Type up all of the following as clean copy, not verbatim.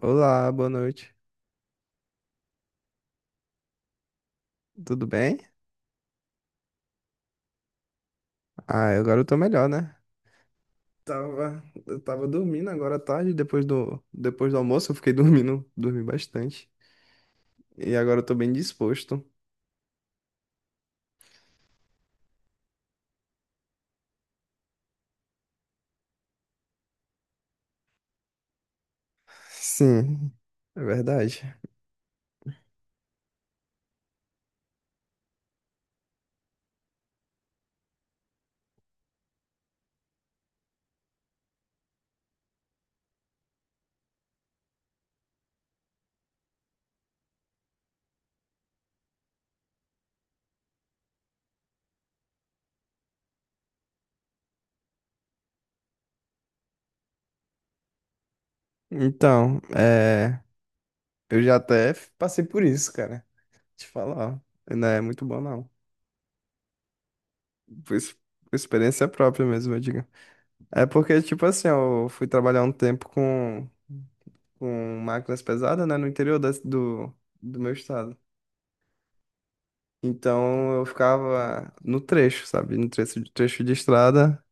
Olá, boa noite. Tudo bem? Ah, agora eu tô melhor, né? Tava, eu tava dormindo agora à tarde, depois do almoço eu fiquei dormindo, dormi bastante. E agora eu tô bem disposto. Sim, é verdade. Então, é, eu já até passei por isso, cara. Te falar, ó, não é muito bom não. Por ex- por experiência própria mesmo, eu digo. É porque, tipo assim, eu fui trabalhar um tempo com máquinas pesadas, né, no interior do, do meu estado. Então eu ficava no trecho, sabe? No trecho, trecho de estrada,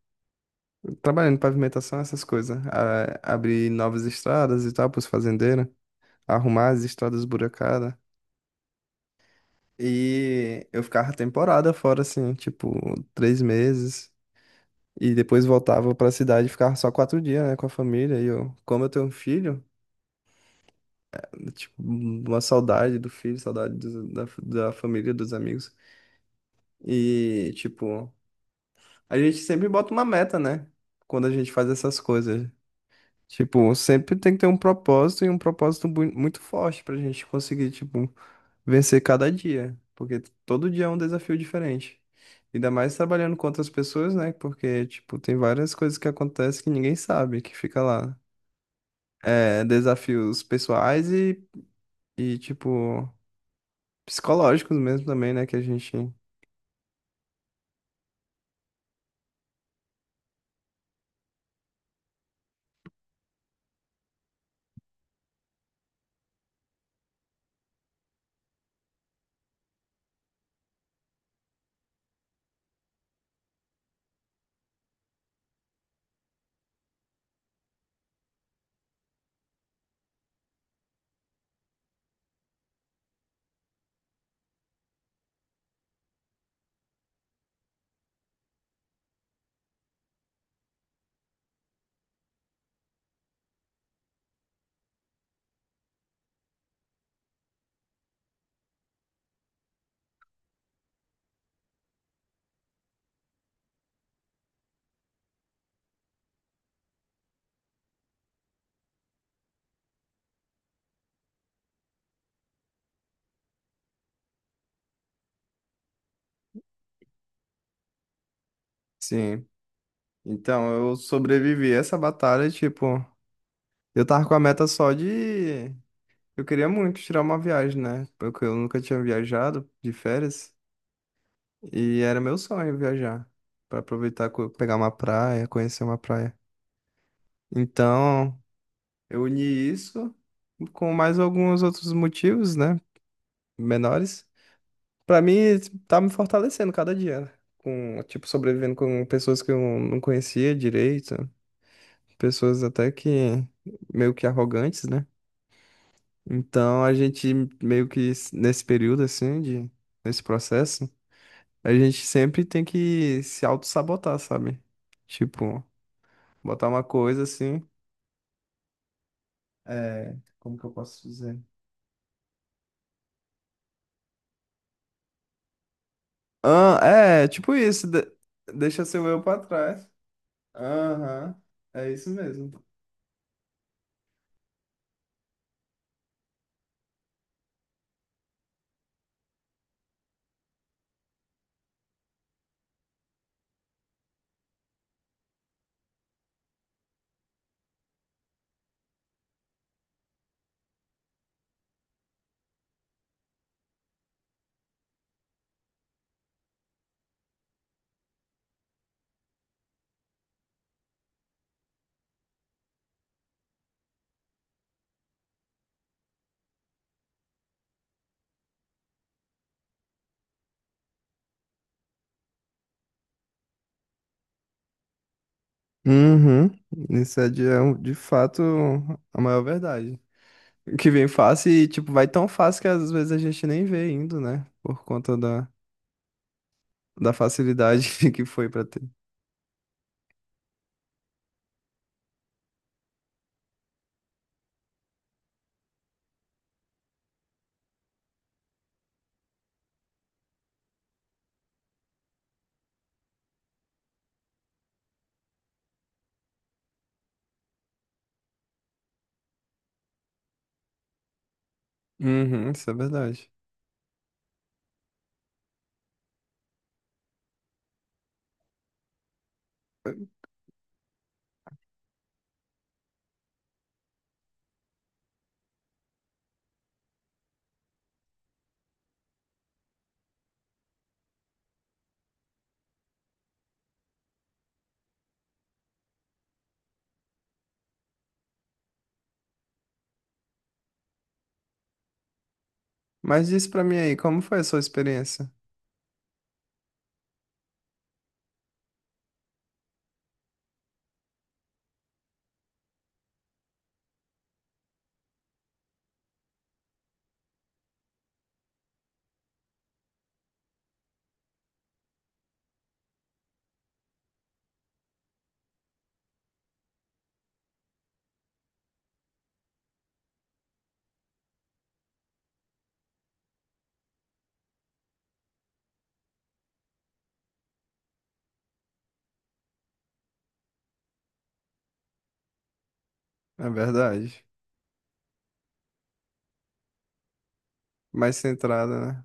trabalhando em pavimentação, essas coisas. Abrir novas estradas e tal para os fazendeiros, arrumar as estradas esburacadas. E eu ficava temporada fora, assim, tipo, três meses. E depois voltava para a cidade e ficava só quatro dias, né, com a família. E eu, como eu tenho um filho, tipo, uma saudade do filho, saudade da família, dos amigos. E, tipo. A gente sempre bota uma meta, né? Quando a gente faz essas coisas. Tipo, sempre tem que ter um propósito e um propósito muito forte pra gente conseguir, tipo, vencer cada dia. Porque todo dia é um desafio diferente. Ainda mais trabalhando com outras pessoas, né? Porque, tipo, tem várias coisas que acontecem que ninguém sabe, que fica lá. É, desafios pessoais e, tipo, psicológicos mesmo também, né? Que a gente. Sim. Então, eu sobrevivi a essa batalha, tipo. Eu tava com a meta só de. Eu queria muito tirar uma viagem, né? Porque eu nunca tinha viajado de férias. E era meu sonho viajar. Pra aproveitar, pegar uma praia, conhecer uma praia. Então, eu uni isso com mais alguns outros motivos, né? Menores. Pra mim, tá me fortalecendo cada dia, né? Com, tipo, sobrevivendo com pessoas que eu não conhecia direito. Pessoas até que meio que arrogantes, né? Então a gente meio que nesse período assim, de, nesse processo, a gente sempre tem que se auto-sabotar, sabe? Tipo, botar uma coisa assim. É, como que eu posso dizer? Ah, é, tipo isso, deixa seu eu pra trás. Aham, é isso mesmo. Uhum, isso é de, é de fato a maior verdade. Que vem fácil e, tipo, vai tão fácil que às vezes a gente nem vê indo, né? Por conta da, da facilidade que foi pra ter. Uhum, isso é verdade. Mas diz pra mim aí, como foi a sua experiência? É verdade. Mais centrada, né?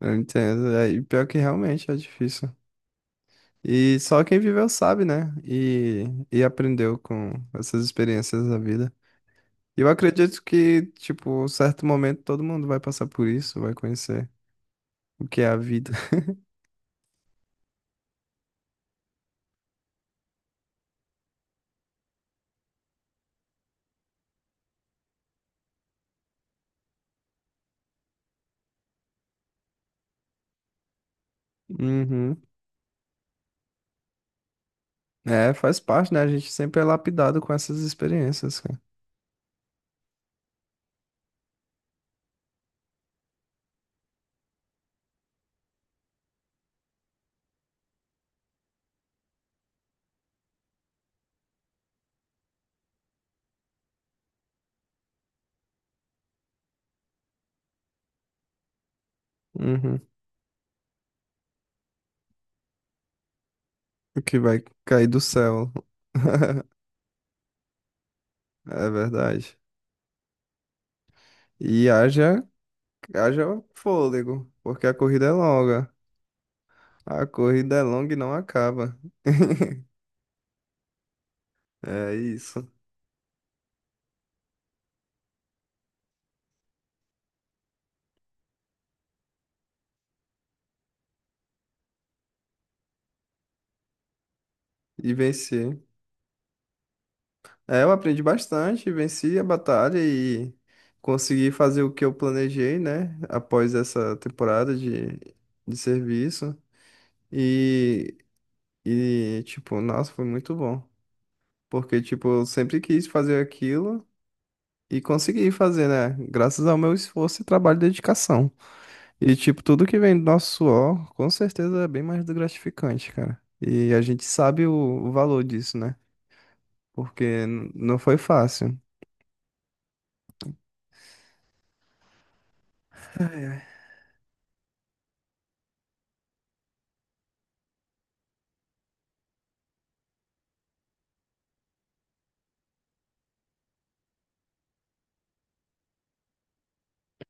Eu entendo. É, e pior que realmente é difícil. E só quem viveu sabe, né? E aprendeu com essas experiências da vida. E eu acredito que, tipo, um certo momento todo mundo vai passar por isso, vai conhecer o que é a vida. Uhum. É, faz parte, né? A gente sempre é lapidado com essas experiências, cara. Uhum. Que vai cair do céu. É verdade. E haja, haja fôlego, porque a corrida é longa. A corrida é longa e não acaba. É isso. E venci. É, eu aprendi bastante, venci a batalha e consegui fazer o que eu planejei, né? Após essa temporada de serviço. E, e, tipo, nossa, foi muito bom. Porque, tipo, eu sempre quis fazer aquilo e consegui fazer, né? Graças ao meu esforço e trabalho e dedicação. E, tipo, tudo que vem do nosso suor, com certeza é bem mais do gratificante, cara. E a gente sabe o valor disso, né? Porque não foi fácil.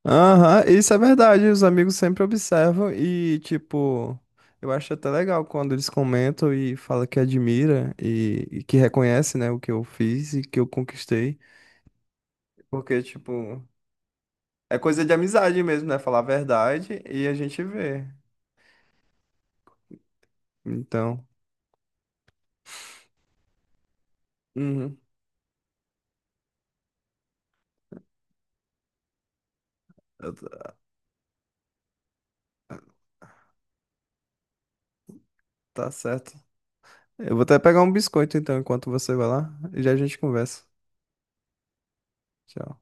Aham, isso é verdade. Os amigos sempre observam e, tipo, eu acho até legal quando eles comentam e falam que admira e que reconhece, né, o que eu fiz e que eu conquistei. Porque, tipo, é coisa de amizade mesmo, né? Falar a verdade e a gente vê. Então, uhum, eu t- tá certo. Eu vou até pegar um biscoito então, enquanto você vai lá, e já a gente conversa. Tchau.